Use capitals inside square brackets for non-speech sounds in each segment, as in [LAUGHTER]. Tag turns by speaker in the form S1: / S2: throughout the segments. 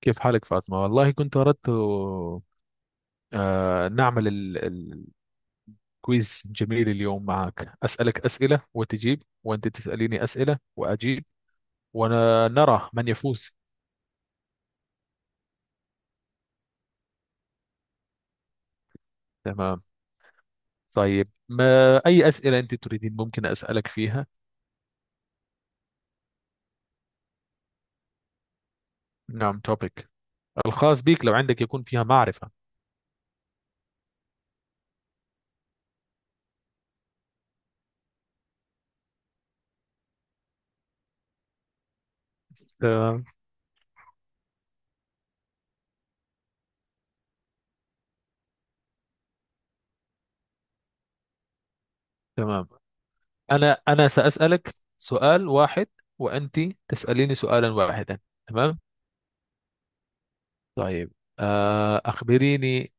S1: كيف حالك فاطمة؟ والله كنت أردت نعمل الكويز. جميل اليوم معك، أسألك أسئلة وتجيب، وأنت تسأليني أسئلة وأجيب، ونرى من يفوز. تمام. طيب، ما أي أسئلة أنت تريدين ممكن أسألك فيها؟ نعم، توبيك الخاص بك لو عندك يكون فيها معرفة. تمام. تمام، أنا سأسألك سؤال واحد، وأنت تسأليني سؤالا واحدا. تمام؟ طيب، أخبريني،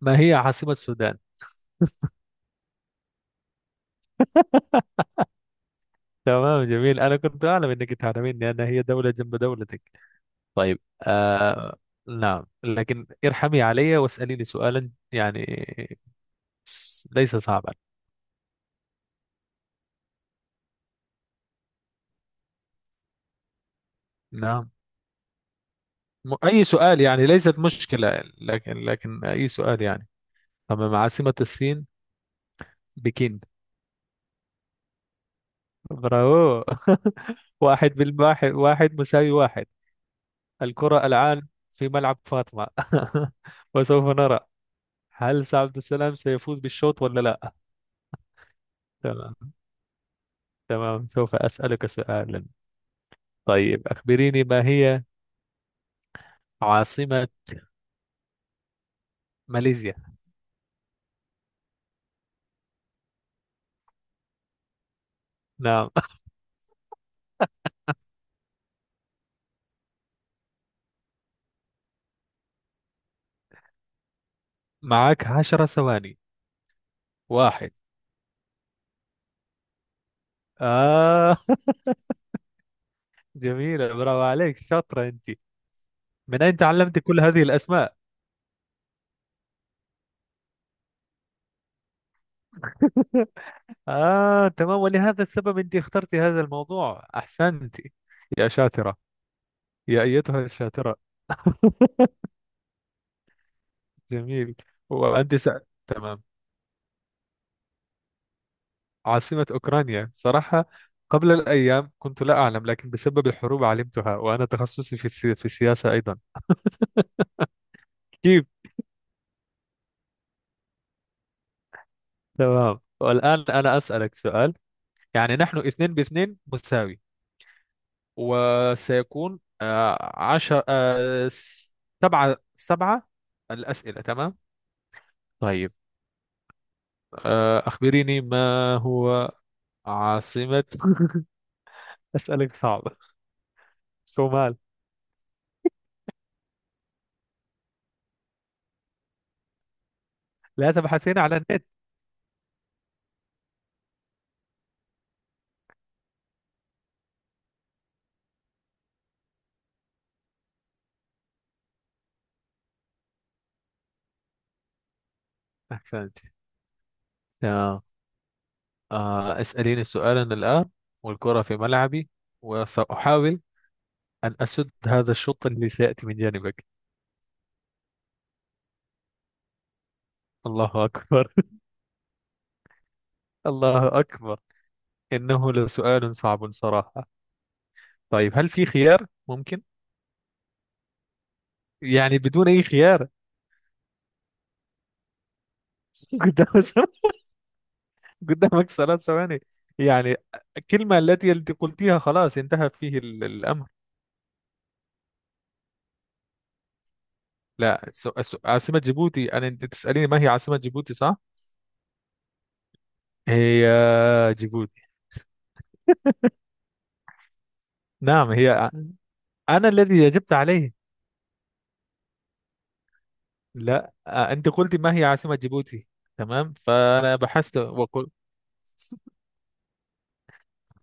S1: ما هي عاصمة السودان؟ تمام، جميل. أنا كنت أعلم إنك تعلميني، أنا هي دولة جنب دولتك. طيب. آه، نعم، لكن ارحمي علي واسأليني سؤالا يعني ليس صعبا. نعم. أي سؤال يعني، ليست مشكلة، لكن أي سؤال يعني. تمام، عاصمة الصين. بكين. برافو. [LAUGHS] واحد بالواحد، واحد مساوي واحد. الكرة الآن في ملعب فاطمة. [LAUGHS] وسوف نرى، هل عبد السلام سيفوز بالشوط ولا لا. تمام. تمام، سوف أسألك سؤالا. طيب، أخبريني، ما هي عاصمة ماليزيا؟ نعم. [LAUGHS] معك 10 ثواني. واحد. آه. [LAUGHS] جميلة، برافو عليك، شاطرة أنت. من أين تعلمت كل هذه الأسماء؟ [LAUGHS] آه، تمام، ولهذا السبب أنت اخترت هذا الموضوع. أحسنت يا شاطرة، يا أيتها الشاطرة. [LAUGHS] جميل. وأنت تمام، عاصمة أوكرانيا. صراحة قبل الأيام كنت لا أعلم، لكن بسبب الحروب علمتها، وأنا تخصصي في في السياسة أيضا. كيف. تمام، والآن أنا أسألك سؤال. يعني نحن اثنين باثنين مساوي، وسيكون عشر سبعة سبعة الأسئلة. تمام. طيب، أخبريني، ما هو عاصمة [LAUGHS] أسألك صعب، صومال. لا تبحثين على النت. أحسنت. تمام. اسأليني سؤالا الآن، والكرة في ملعبي، وسأحاول أن أسد هذا الشوط اللي سيأتي من جانبك. الله أكبر. [LAUGHS] الله أكبر، إنه لسؤال صعب صراحة. طيب، هل في خيار ممكن؟ يعني بدون أي خيار. [LAUGHS] قدام، قدامك 3 ثواني. يعني الكلمة التي انت قلتيها خلاص انتهى فيه الأمر. لا، عاصمة جيبوتي، أنا أنت تسأليني ما هي عاصمة جيبوتي صح؟ هي جيبوتي. نعم، هي أنا الذي أجبت عليه. لا، انت قلت ما هي عاصمة جيبوتي، تمام، فانا بحثت وقل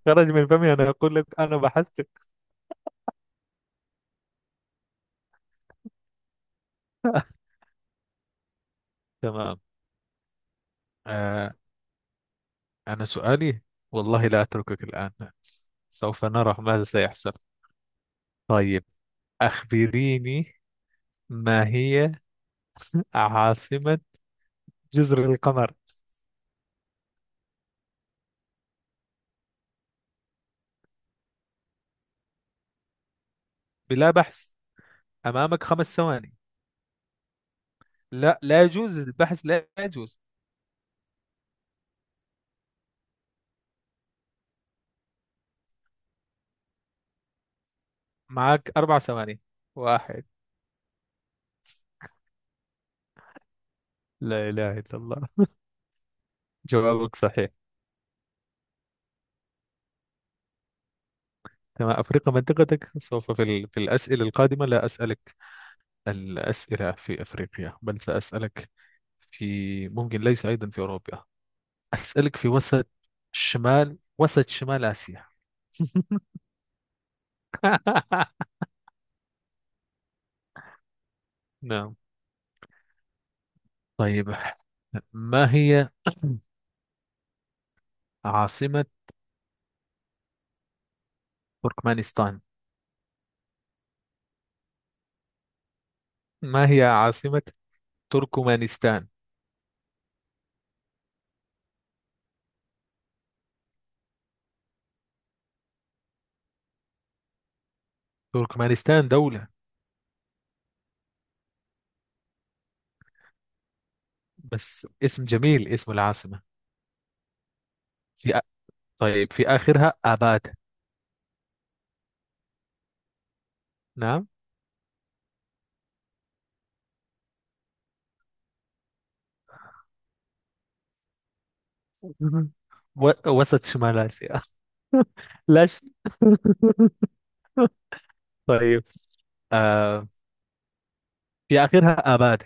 S1: خرج من فمي، انا اقول لك انا بحثت. [LAUGHS] تمام. آه، انا سؤالي، والله لا اتركك الان، سوف نرى ماذا سيحصل. طيب، اخبريني، ما هي [LAUGHS] عاصمة جزر القمر؟ بلا بحث، امامك 5 ثواني. لا، لا يجوز البحث، لا يجوز. معك 4 ثواني. واحد. لا اله الا الله، جوابك صحيح. كما أفريقيا منطقتك، سوف في الأسئلة القادمة لا أسألك الأسئلة في أفريقيا، بل سأسألك في، ممكن ليس، أيضا في أوروبا. أسألك في وسط شمال، وسط شمال آسيا. [LAUGHS] نعم. طيب، ما هي عاصمة تركمانستان؟ ما هي عاصمة تركمانستان؟ تركمانستان دولة، بس اسم جميل اسم العاصمة. في أ... طيب، في آخرها آباد. نعم. مهم. وسط شمال آسيا. [LAUGHS] لاش. [LAUGHS] طيب، آه، في آخرها آباد.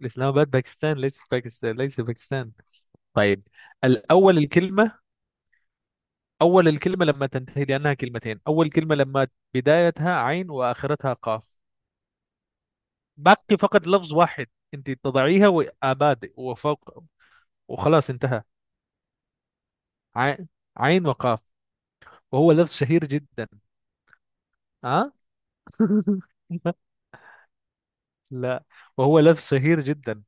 S1: الإسلام آباد باكستان، ليس باكستان، ليس باكستان. طيب، الأول الكلمة، أول الكلمة لما تنتهي، لأنها كلمتين، أول كلمة لما بدايتها عين وآخرتها قاف، باقي فقط لفظ واحد، أنت تضعيها وآباد وفوق وخلاص انتهى. عين، عين وقاف، وهو لفظ شهير جدا. ها. [LAUGHS] لا، وهو لف شهير جدا،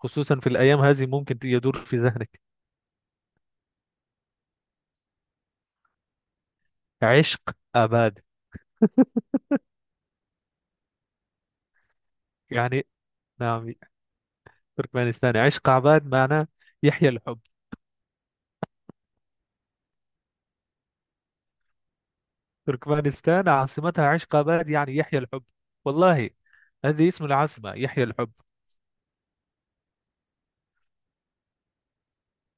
S1: خصوصا في الأيام هذه، ممكن يدور في ذهنك، عشق عباد يعني. نعم، تركمانستان عشق عباد، معناه يحيى الحب. تركمانستان عاصمتها عشق عباد، يعني يحيى الحب، والله. هذه اسم العاصمة، يحيى الحب.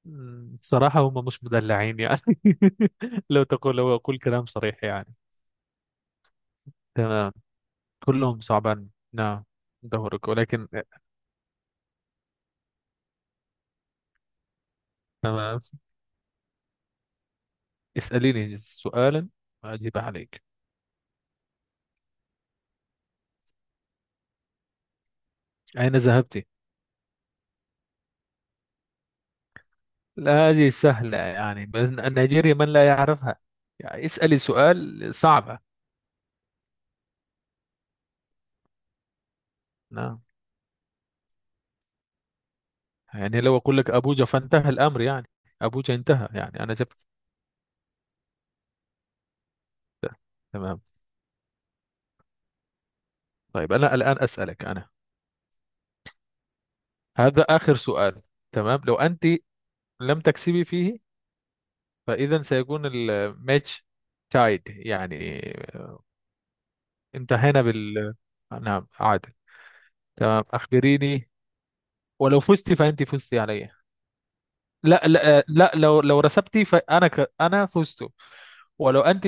S1: مم، صراحة هم مش مدلعين يعني. [LAUGHS] لو تقول، لو أقول كلام صريح يعني. تمام. كلهم صعبان، نعم. دورك ولكن. تمام، اسأليني سؤالا أجيب عليك. أين ذهبت؟ لا، هذه سهلة يعني، بس نيجيريا من لا يعرفها، يعني اسألي سؤال صعبة. نعم، يعني لو أقول لك أبوجا فانتهى الأمر يعني. أبوجا انتهى يعني، أنا جبت. تمام. طيب، أنا الآن أسألك أنا. هذا آخر سؤال. تمام، لو أنت لم تكسبي فيه، فإذا سيكون الماتش تايد يعني، انتهينا. نعم، عادل. تمام، أخبريني. ولو فزت فأنت فزت علي. لا لا لا، لو رسبتي انا فزت، ولو انت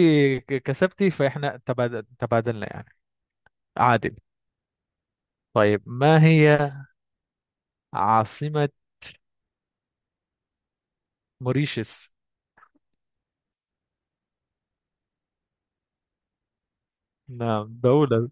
S1: كسبتي فاحنا تبادل، تبادلنا يعني، عادل. طيب، ما هي عاصمة موريشيس؟ نعم، دولة.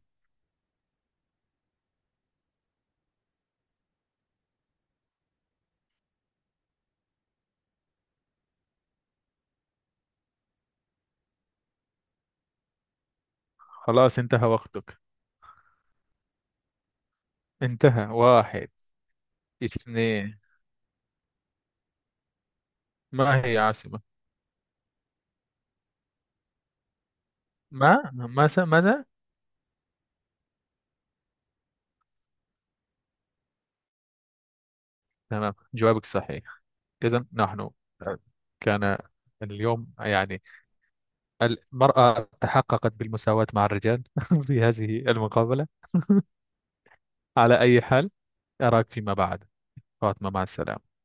S1: خلاص انتهى وقتك. انتهى. واحد. اثنين. ما هي عاصمة؟ ما ماذا ماذا. تمام، جوابك صحيح. إذا نحن، كان اليوم يعني المرأة تحققت بالمساواة مع الرجال. [LAUGHS] في هذه المقابلة. على أي حال، أراك فيما بعد فاطمة، مع السلامة.